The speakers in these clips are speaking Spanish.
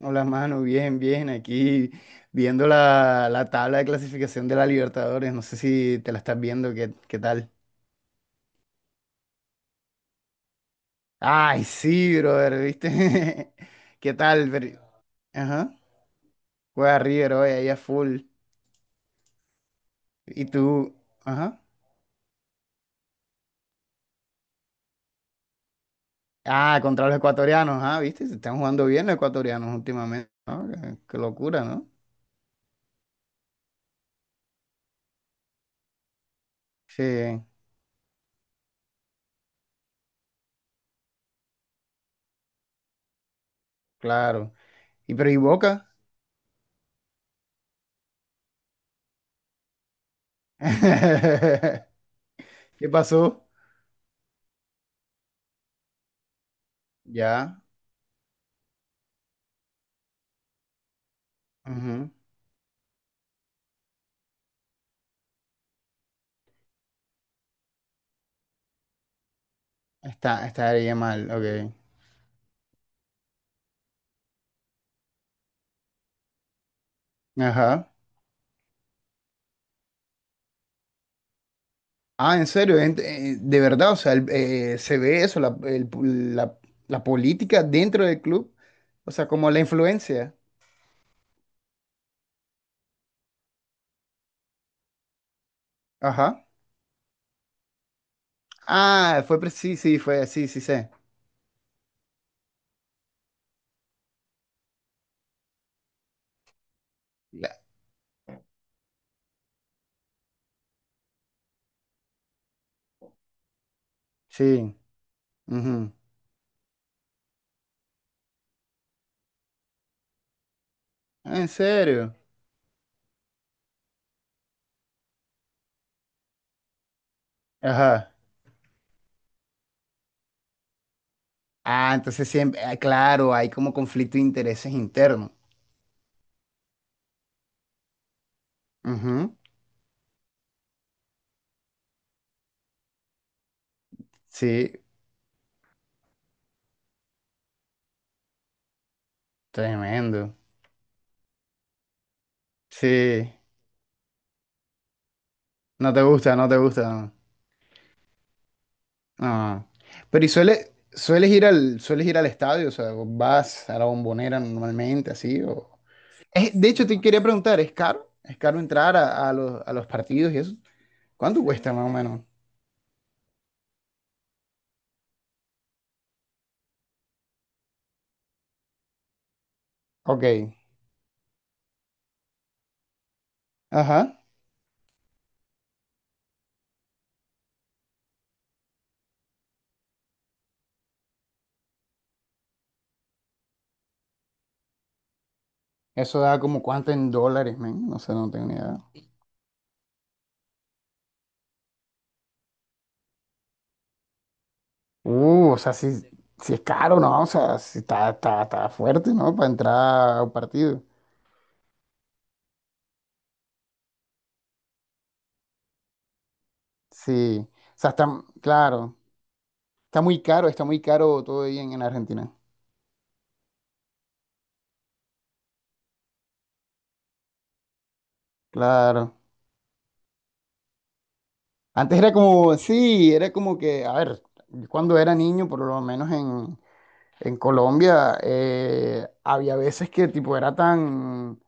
Hola, mano, bien, bien, aquí viendo la tabla de clasificación de la Libertadores, no sé si te la estás viendo, ¿qué tal? Ay, sí, brother, ¿viste? ¿Qué tal? Ajá, juega River hoy, ahí a full. Y tú, ajá. Ah, contra los ecuatorianos, ah, ¿viste? Se están jugando bien los ecuatorianos últimamente, ¿no? Qué locura, ¿no? Sí, claro. ¿Y pero y Boca? ¿Qué pasó? Ya, ujú. Estaría mal, ok. Ajá. Ah, en serio, de verdad, o sea, se ve eso, la- la política dentro del club, o sea, como la influencia. Ajá. Ah, sí, sí, fue, sí, sí, sé. La- sí. Ujú. Ah, en serio. Ajá. Ah, entonces siempre, ah, claro, hay como conflicto de intereses internos. Ujú. Sí, tremendo. Sí, no te gusta, no te gusta. Ah, pero ¿sueles ir al, sueles ir al estadio? O sea, ¿vas a la Bombonera normalmente así? O... De hecho, te quería preguntar, ¿es caro? ¿Es caro entrar a los partidos y eso? ¿Cuánto cuesta más o menos? Ok, ajá. Eso da como cuánto en dólares, men. No sé, no tengo ni idea. O sea, si, si es caro, ¿no? O sea, si está, está, está fuerte, ¿no? Para entrar a un partido. Sí. O sea, está, claro. Está muy caro todo ahí en Argentina. Claro. Antes era como, sí, era como que, a ver, cuando era niño, por lo menos en Colombia, había veces que tipo era tan,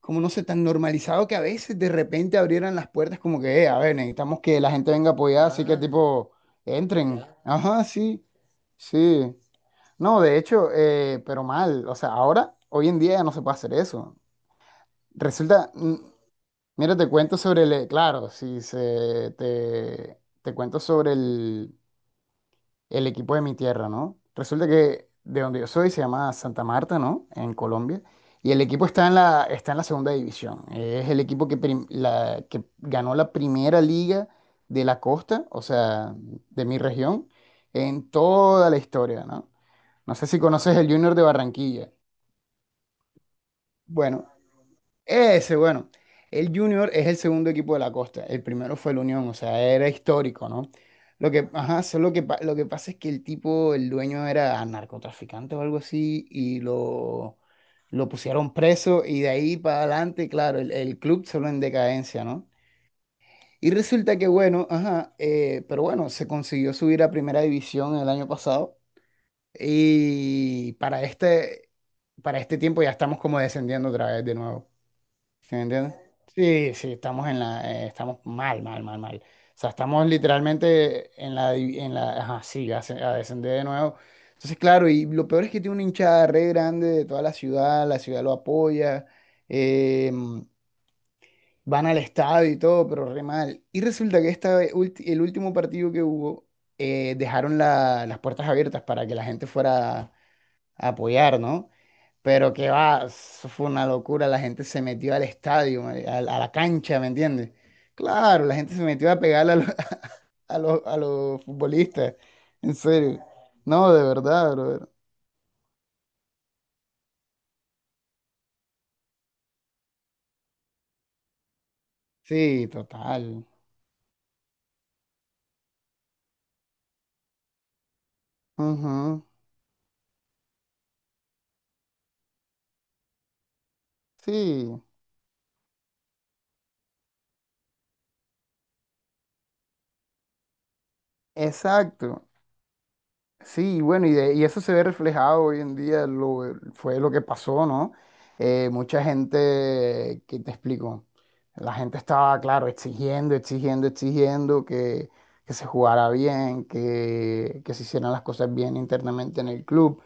como no sé, tan normalizado que a veces de repente abrieran las puertas como que, a ver, necesitamos que la gente venga apoyada, así que Ah, tipo, entren. Ya. Ajá, sí, sí. No, de hecho, pero mal, o sea, ahora, hoy en día ya no se puede hacer eso. Resulta, mira, te cuento sobre el, claro, si se, te cuento sobre el equipo de mi tierra, ¿no? Resulta que de donde yo soy se llama Santa Marta, ¿no? En Colombia. Y el equipo está en la segunda división. Es el equipo que, que ganó la primera liga de la costa, o sea, de mi región, en toda la historia, ¿no? No sé si conoces el Junior de Barranquilla. Bueno, ese, bueno, el Junior es el segundo equipo de la costa, el primero fue el Unión, o sea, era histórico, ¿no? Lo que, ajá, solo que, lo que pasa es que el tipo, el dueño era narcotraficante o algo así, y lo pusieron preso, y de ahí para adelante, claro, el club solo en decadencia, ¿no? Y resulta que, bueno, ajá, pero bueno, se consiguió subir a primera división el año pasado, y para este tiempo ya estamos como descendiendo otra vez de nuevo. ¿Sí me entiendes? Sí, sí, estamos en la, estamos mal, mal, mal, mal. O sea, estamos literalmente en la, en la, ajá, sí, a descender de nuevo. Entonces, claro, y lo peor es que tiene una hinchada re grande de toda la ciudad lo apoya, eh, van al estadio y todo, pero re mal. Y resulta que esta, vez, el último partido que hubo, dejaron las puertas abiertas para que la gente fuera a apoyar, ¿no? Pero que va, eso fue una locura, la gente se metió al estadio, a la cancha, ¿me entiendes? Claro, la gente se metió a pegarle a los, a los futbolistas, en serio. No, de verdad, brother. Sí, total. Ujú, sí, exacto. Sí, bueno, y, y eso se ve reflejado hoy en día, lo, fue lo que pasó, ¿no? Mucha gente, ¿qué te explico? La gente estaba, claro, exigiendo, exigiendo, exigiendo que se jugara bien, que se hicieran las cosas bien internamente en el club.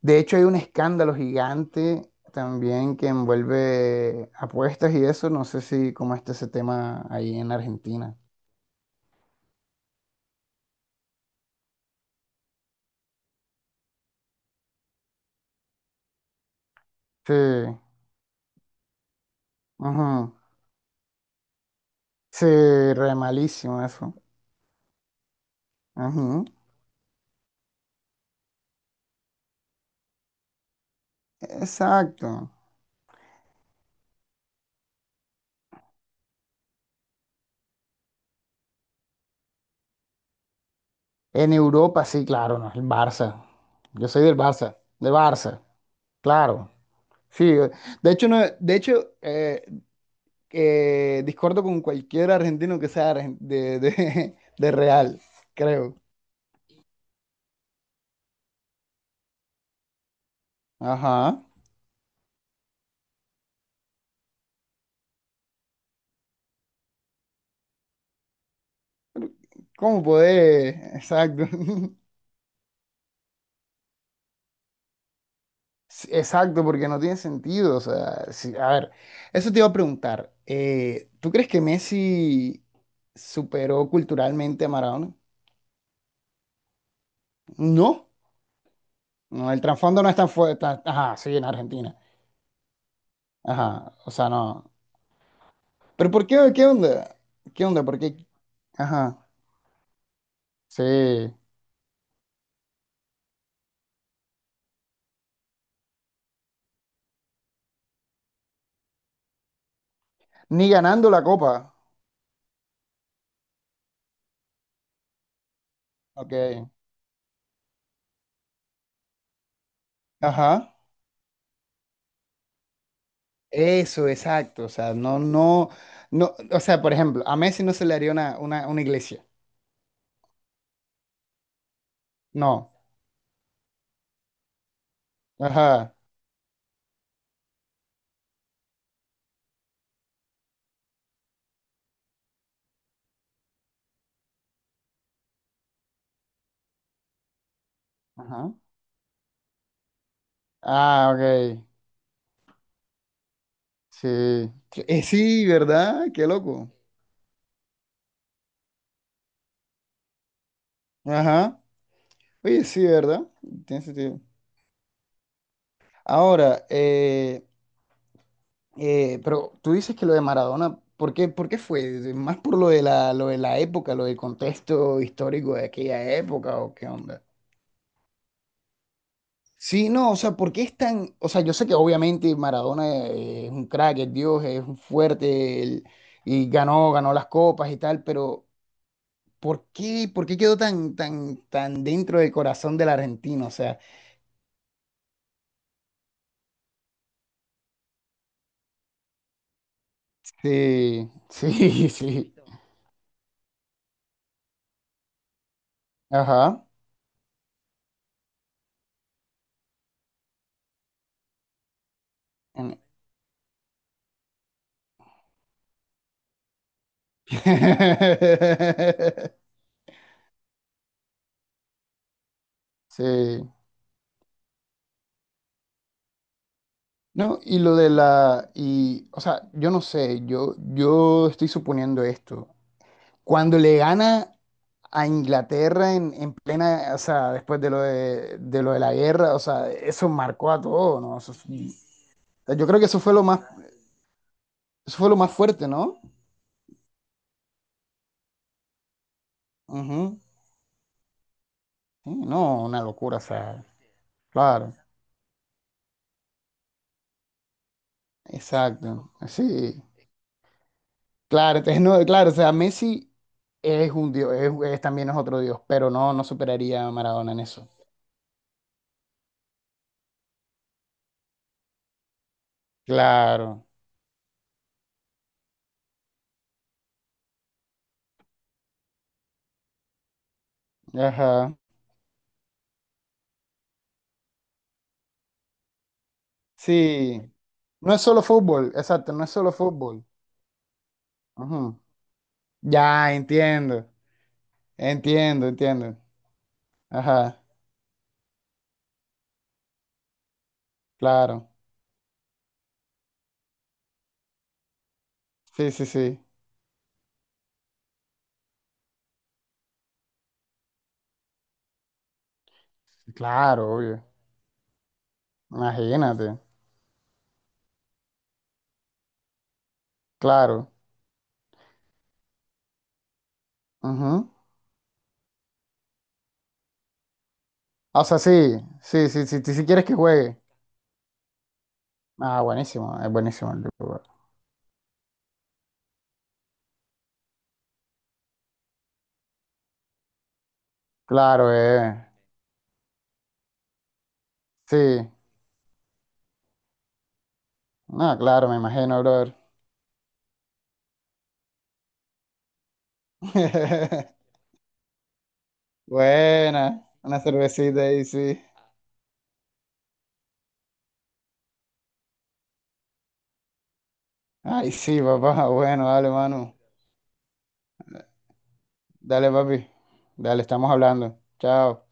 De hecho, hay un escándalo gigante también que envuelve apuestas y eso, no sé si cómo está ese tema ahí en Argentina. Sí, ujú, sí, re malísimo eso. Ujú. Exacto. En Europa, sí, claro, no, el Barça. Yo soy del Barça, claro. Sí, de hecho, no, de hecho discordo con cualquier argentino que sea de Real, creo. Ajá. ¿Cómo podés? Exacto. Sí, exacto, porque no tiene sentido. O sea, sí, a ver, eso te iba a preguntar. ¿Tú crees que Messi superó culturalmente a Maradona? No. No, el trasfondo no es tan fuerte. Ajá, sí, en Argentina. Ajá, o sea, no. Pero ¿por qué? ¿Qué onda? ¿Qué onda? ¿Por qué? Ajá, sí. Ni ganando la copa. Ok. Ajá. Eso, exacto. O sea, no, no, no. O sea, por ejemplo, a Messi no se le haría una iglesia. No. Ajá. Ajá. Ah, ok. Sí. Sí, ¿verdad? Qué loco. Ajá. Oye, sí, ¿verdad? Tiene sentido. Ahora, pero tú dices que lo de Maradona, ¿por qué fue? ¿Más por lo de la época, lo del contexto histórico de aquella época o qué onda? Sí, no, o sea, ¿por qué es tan...? O sea, yo sé que obviamente Maradona es un crack, es Dios, es un fuerte, y ganó, ganó las copas y tal, pero ¿por qué quedó tan, tan, tan dentro del corazón del argentino? O sea, sí, sí, sí, ajá. Sí. No, y lo de la, y, o sea, yo no sé, yo estoy suponiendo esto. Cuando le gana a Inglaterra en plena, o sea, después de lo de la guerra, o sea, eso marcó a todo, ¿no? O sea, yo creo que eso fue lo más, eso fue lo más fuerte, ¿no? Ujú. Sí, no, una locura, o sea, claro, exacto, sí, claro, entonces, no, claro, o sea, Messi es un dios, es, también es otro dios, pero no, no superaría a Maradona en eso. Claro. Ajá. Sí. No es solo fútbol, exacto, no es solo fútbol. Ajá. Ya, entiendo. Entiendo, entiendo. Ajá, claro. Sí, sí, sí. Claro, obvio. Imagínate. Claro. Ajá. O sea, sí, sí, sí, sí, sí, sí quieres que juegue. Ah, buenísimo, es buenísimo el fútbol. Claro, eh. Sí. No, claro, me imagino, brother. Buena. Una cervecita ahí, sí. Ay, sí, papá. Bueno, dale, mano. Dale, papi. Dale, estamos hablando. Chao.